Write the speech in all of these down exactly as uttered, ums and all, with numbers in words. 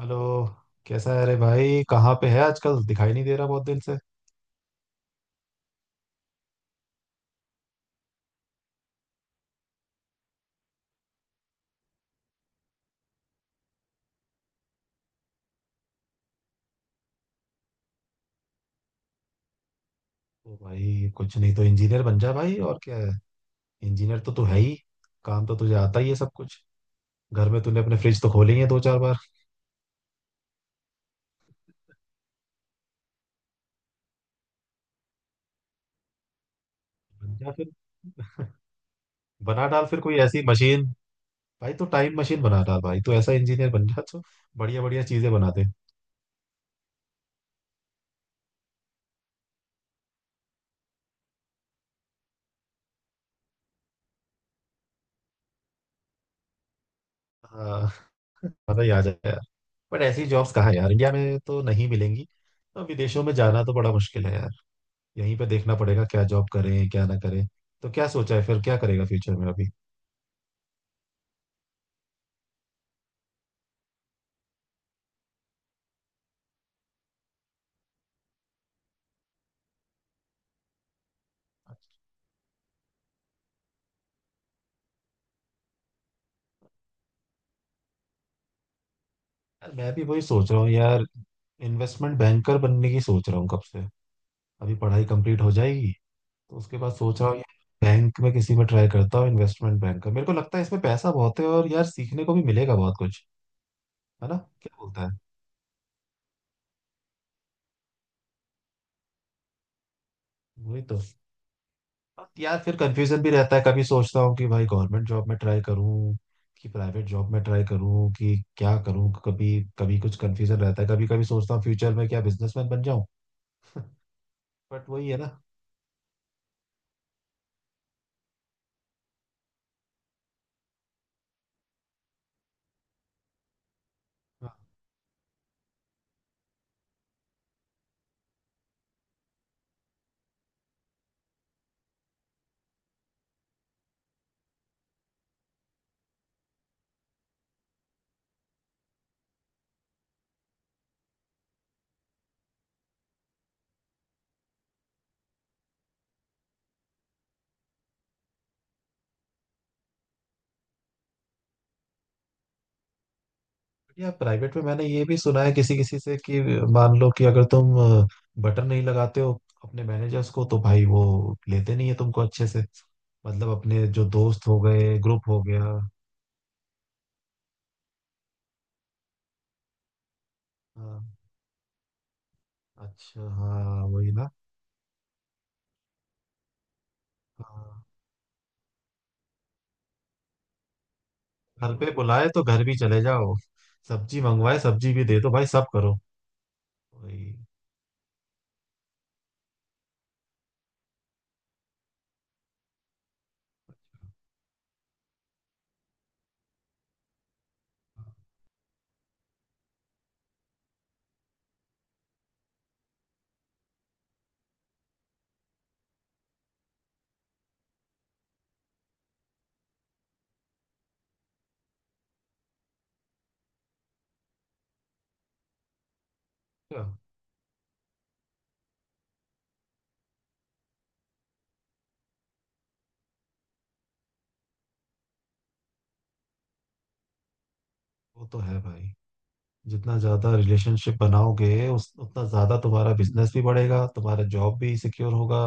Hello. कैसा है? अरे भाई, कहाँ पे है आजकल? दिखाई नहीं दे रहा बहुत दिन से। ओ भाई, कुछ नहीं तो इंजीनियर बन जा भाई, और क्या है। इंजीनियर तो तू है ही। काम तो तुझे आता ही है सब कुछ। घर में तूने अपने फ्रिज तो खोले ही है दो चार बार। बन जा फिर। बना डाल फिर कोई ऐसी मशीन। भाई तो टाइम मशीन बना डाल भाई, तू ऐसा इंजीनियर बन जा जो बढ़िया बढ़िया चीजें बना दे। हाँ। मजा ही आ जाए यार। बट ऐसी जॉब्स कहाँ है यार, इंडिया में तो नहीं मिलेंगी। तो विदेशों में जाना तो बड़ा मुश्किल है यार। यहीं पे देखना पड़ेगा क्या जॉब करें क्या ना करें। तो क्या सोचा है फिर, क्या करेगा फ्यूचर में अभी? यार मैं भी वही सोच रहा हूँ यार। इन्वेस्टमेंट बैंकर बनने की सोच रहा हूँ कब से। अभी पढ़ाई कंप्लीट हो जाएगी, तो उसके बाद सोच रहा हूँ यार। बैंक में किसी में ट्राई करता हूँ इन्वेस्टमेंट बैंकर। मेरे को लगता है इसमें पैसा बहुत है और यार सीखने को भी मिलेगा बहुत कुछ। है ना, क्या बोलता है। वही तो। यार फिर कंफ्यूजन भी रहता है। कभी सोचता हूँ कि भाई गवर्नमेंट जॉब में ट्राई करूँ कि प्राइवेट जॉब में ट्राई करूँ कि क्या करूँ। कभी कभी कुछ कंफ्यूजन रहता है। कभी कभी सोचता हूँ फ्यूचर में क्या बिजनेसमैन बन जाऊँ। बट वही है ना। हाँ। यार प्राइवेट में मैंने ये भी सुना है किसी किसी से कि मान लो कि अगर तुम बटन नहीं लगाते हो अपने मैनेजर्स को, तो भाई वो लेते नहीं है तुमको अच्छे से। मतलब अपने जो दोस्त हो गए, ग्रुप हो गया। हाँ। अच्छा, हाँ वही ना। हाँ। घर पे बुलाए तो घर भी चले जाओ, सब्जी मंगवाए सब्जी भी दे दो भाई, सब करो। भाई। क्या। वो तो है भाई। जितना ज्यादा रिलेशनशिप बनाओगे उस उतना ज्यादा तुम्हारा बिजनेस भी बढ़ेगा, तुम्हारा जॉब भी सिक्योर होगा।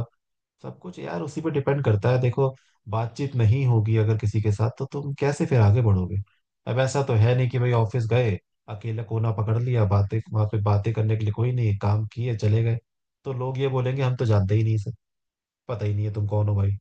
सब कुछ यार उसी पे डिपेंड करता है देखो। बातचीत नहीं होगी अगर किसी के साथ तो तुम कैसे फिर आगे बढ़ोगे? अब ऐसा तो है नहीं कि भाई ऑफिस गए, अकेला कोना पकड़ लिया, बातें वहां पे बातें करने के लिए कोई नहीं, काम किए चले गए। तो लोग ये बोलेंगे हम तो जानते ही नहीं से, पता ही नहीं है तुम कौन हो भाई।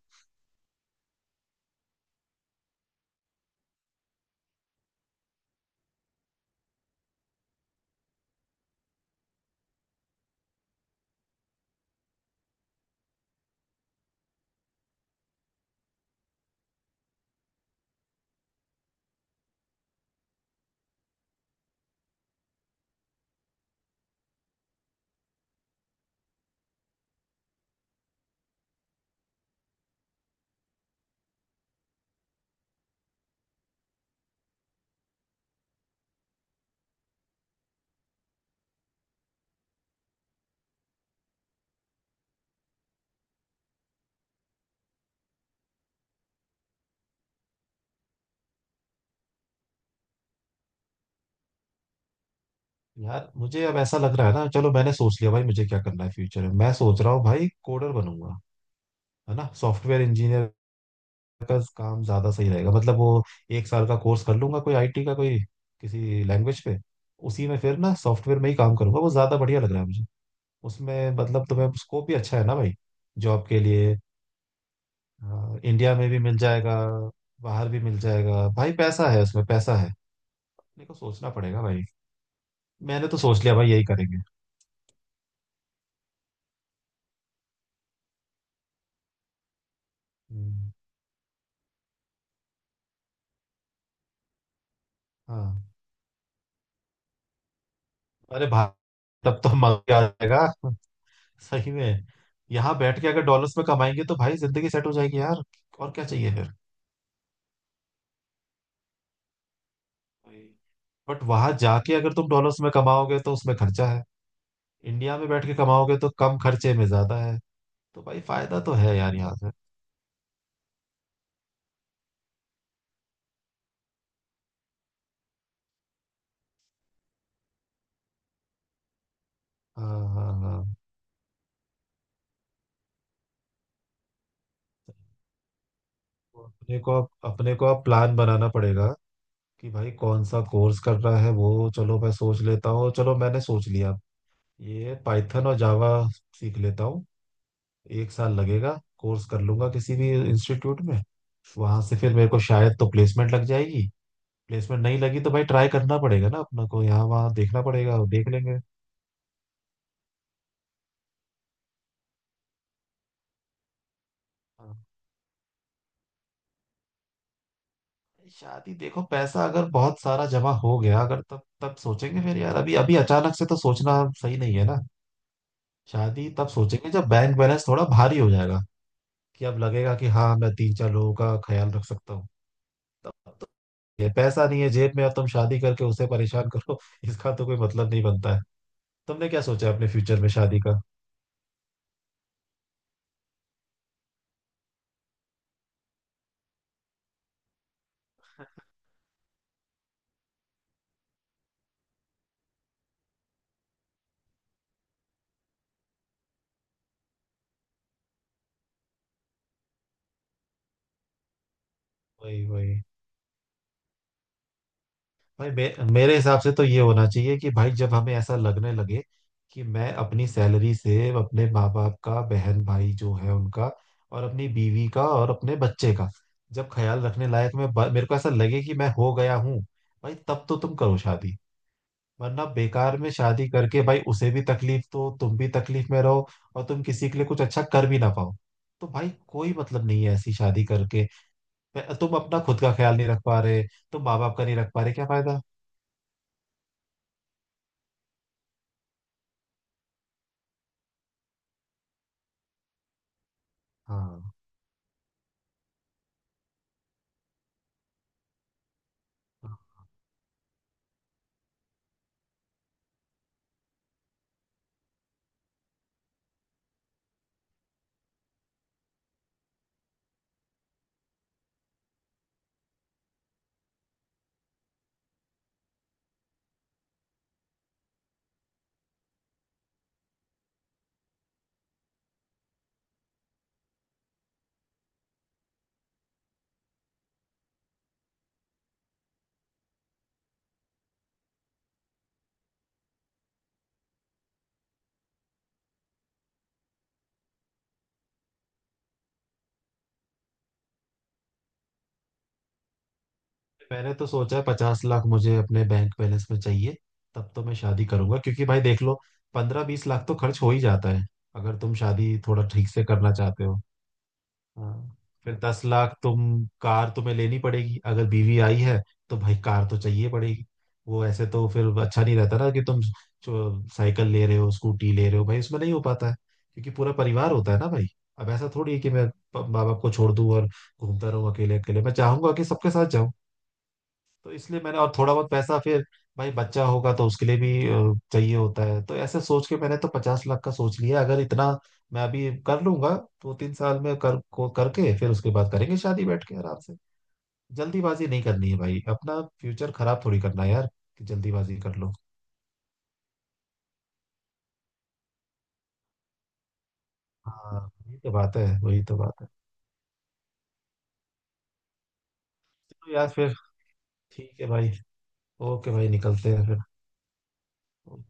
यार मुझे अब ऐसा लग रहा है ना, चलो मैंने सोच लिया भाई मुझे क्या करना है फ्यूचर में। मैं सोच रहा हूँ भाई कोडर बनूंगा। है ना, सॉफ्टवेयर इंजीनियर का काम ज्यादा सही रहेगा। मतलब वो एक साल का कोर्स कर लूंगा कोई आई टी का, कोई किसी लैंग्वेज पे। उसी में फिर ना सॉफ्टवेयर में ही काम करूंगा। वो ज्यादा बढ़िया लग रहा है मुझे। उसमें मतलब तुम्हें स्कोप भी अच्छा है ना भाई, जॉब के लिए। अ, इंडिया में भी मिल जाएगा, बाहर भी मिल जाएगा भाई। पैसा है उसमें, पैसा है। मेरे को सोचना पड़ेगा भाई। मैंने तो सोच लिया भाई यही करेंगे। हम्म, हाँ। अरे भाई तब तो मजा आ जाएगा, सही में। यहाँ बैठ के अगर डॉलर्स में कमाएंगे तो भाई जिंदगी सेट हो जाएगी यार। और क्या चाहिए फिर। बट वहां जाके अगर तुम डॉलर्स में कमाओगे तो उसमें खर्चा है। इंडिया में बैठ के कमाओगे तो कम खर्चे में ज्यादा है। तो भाई फायदा तो है यार यहाँ से। हाँ, हाँ, हाँ। तो अपने को, अपने को अब प्लान बनाना पड़ेगा कि भाई कौन सा कोर्स करना है। वो चलो मैं सोच लेता हूँ, चलो मैंने सोच लिया। ये पाइथन और जावा सीख लेता हूँ। एक साल लगेगा, कोर्स कर लूंगा किसी भी इंस्टीट्यूट में। वहां से फिर मेरे को शायद तो प्लेसमेंट लग जाएगी। प्लेसमेंट नहीं लगी तो भाई ट्राई करना पड़ेगा ना, अपना को यहाँ वहाँ देखना पड़ेगा, वो देख लेंगे। हाँ। शादी देखो, पैसा अगर बहुत सारा जमा हो गया अगर, तब तब सोचेंगे फिर यार। अभी अभी अचानक से तो सोचना सही नहीं है ना। शादी तब सोचेंगे जब बैंक बैलेंस थोड़ा भारी हो जाएगा। कि अब लगेगा कि हाँ मैं तीन चार लोगों का ख्याल रख सकता हूँ तब। तो ये पैसा नहीं है जेब में, अब तुम शादी करके उसे परेशान करो। इसका तो कोई मतलब नहीं बनता है। तुमने क्या सोचा है अपने फ्यूचर में शादी का? वही वही। भाई मे, मेरे हिसाब से तो ये होना चाहिए कि भाई जब हमें ऐसा लगने लगे कि मैं अपनी सैलरी से अपने माँ बाप का, बहन भाई जो है उनका, और अपनी बीवी का और अपने बच्चे का जब ख्याल रखने लायक मैं ब- मेरे को ऐसा लगे कि मैं हो गया हूँ, भाई तब तो तुम करो शादी। वरना बेकार में शादी करके भाई उसे भी तकलीफ दो, तुम भी तकलीफ में रहो, और तुम किसी के लिए कुछ अच्छा कर भी ना पाओ। तो भाई कोई मतलब नहीं है ऐसी शादी करके। मैं- तुम अपना खुद का ख्याल नहीं रख पा रहे, तुम माँ बाप का नहीं रख पा रहे, क्या फायदा। हाँ। मैंने तो सोचा पचास लाख मुझे अपने बैंक बैलेंस में चाहिए, तब तो मैं शादी करूंगा। क्योंकि भाई देख लो, पंद्रह बीस लाख तो खर्च हो ही जाता है अगर तुम शादी थोड़ा ठीक से करना चाहते हो। हाँ। फिर दस लाख तुम। कार तुम्हें लेनी पड़ेगी अगर बीवी आई है, तो भाई कार तो चाहिए पड़ेगी। वो ऐसे तो फिर अच्छा नहीं रहता ना कि तुम जो साइकिल ले रहे हो, स्कूटी ले रहे हो, भाई उसमें नहीं हो पाता है। क्योंकि पूरा परिवार होता है ना भाई। अब ऐसा थोड़ी है कि मैं माँ बाप को छोड़ दूं और घूमता रहूं अकेले अकेले। मैं चाहूंगा कि सबके साथ। तो इसलिए मैंने और थोड़ा बहुत पैसा फिर। भाई बच्चा होगा तो उसके लिए भी अ, चाहिए होता है। तो ऐसे सोच के मैंने तो पचास लाख का सोच लिया। अगर इतना मैं अभी कर लूंगा दो तीन साल में कर को करके फिर उसके बाद करेंगे शादी बैठ के आराम से। जल्दीबाजी नहीं करनी है भाई, अपना फ्यूचर खराब थोड़ी करना है यार, कि जल्दीबाजी कर लो। हाँ, वही तो बात है, वही तो बात है। चलो यार फिर, ठीक है भाई। ओके भाई, निकलते हैं फिर।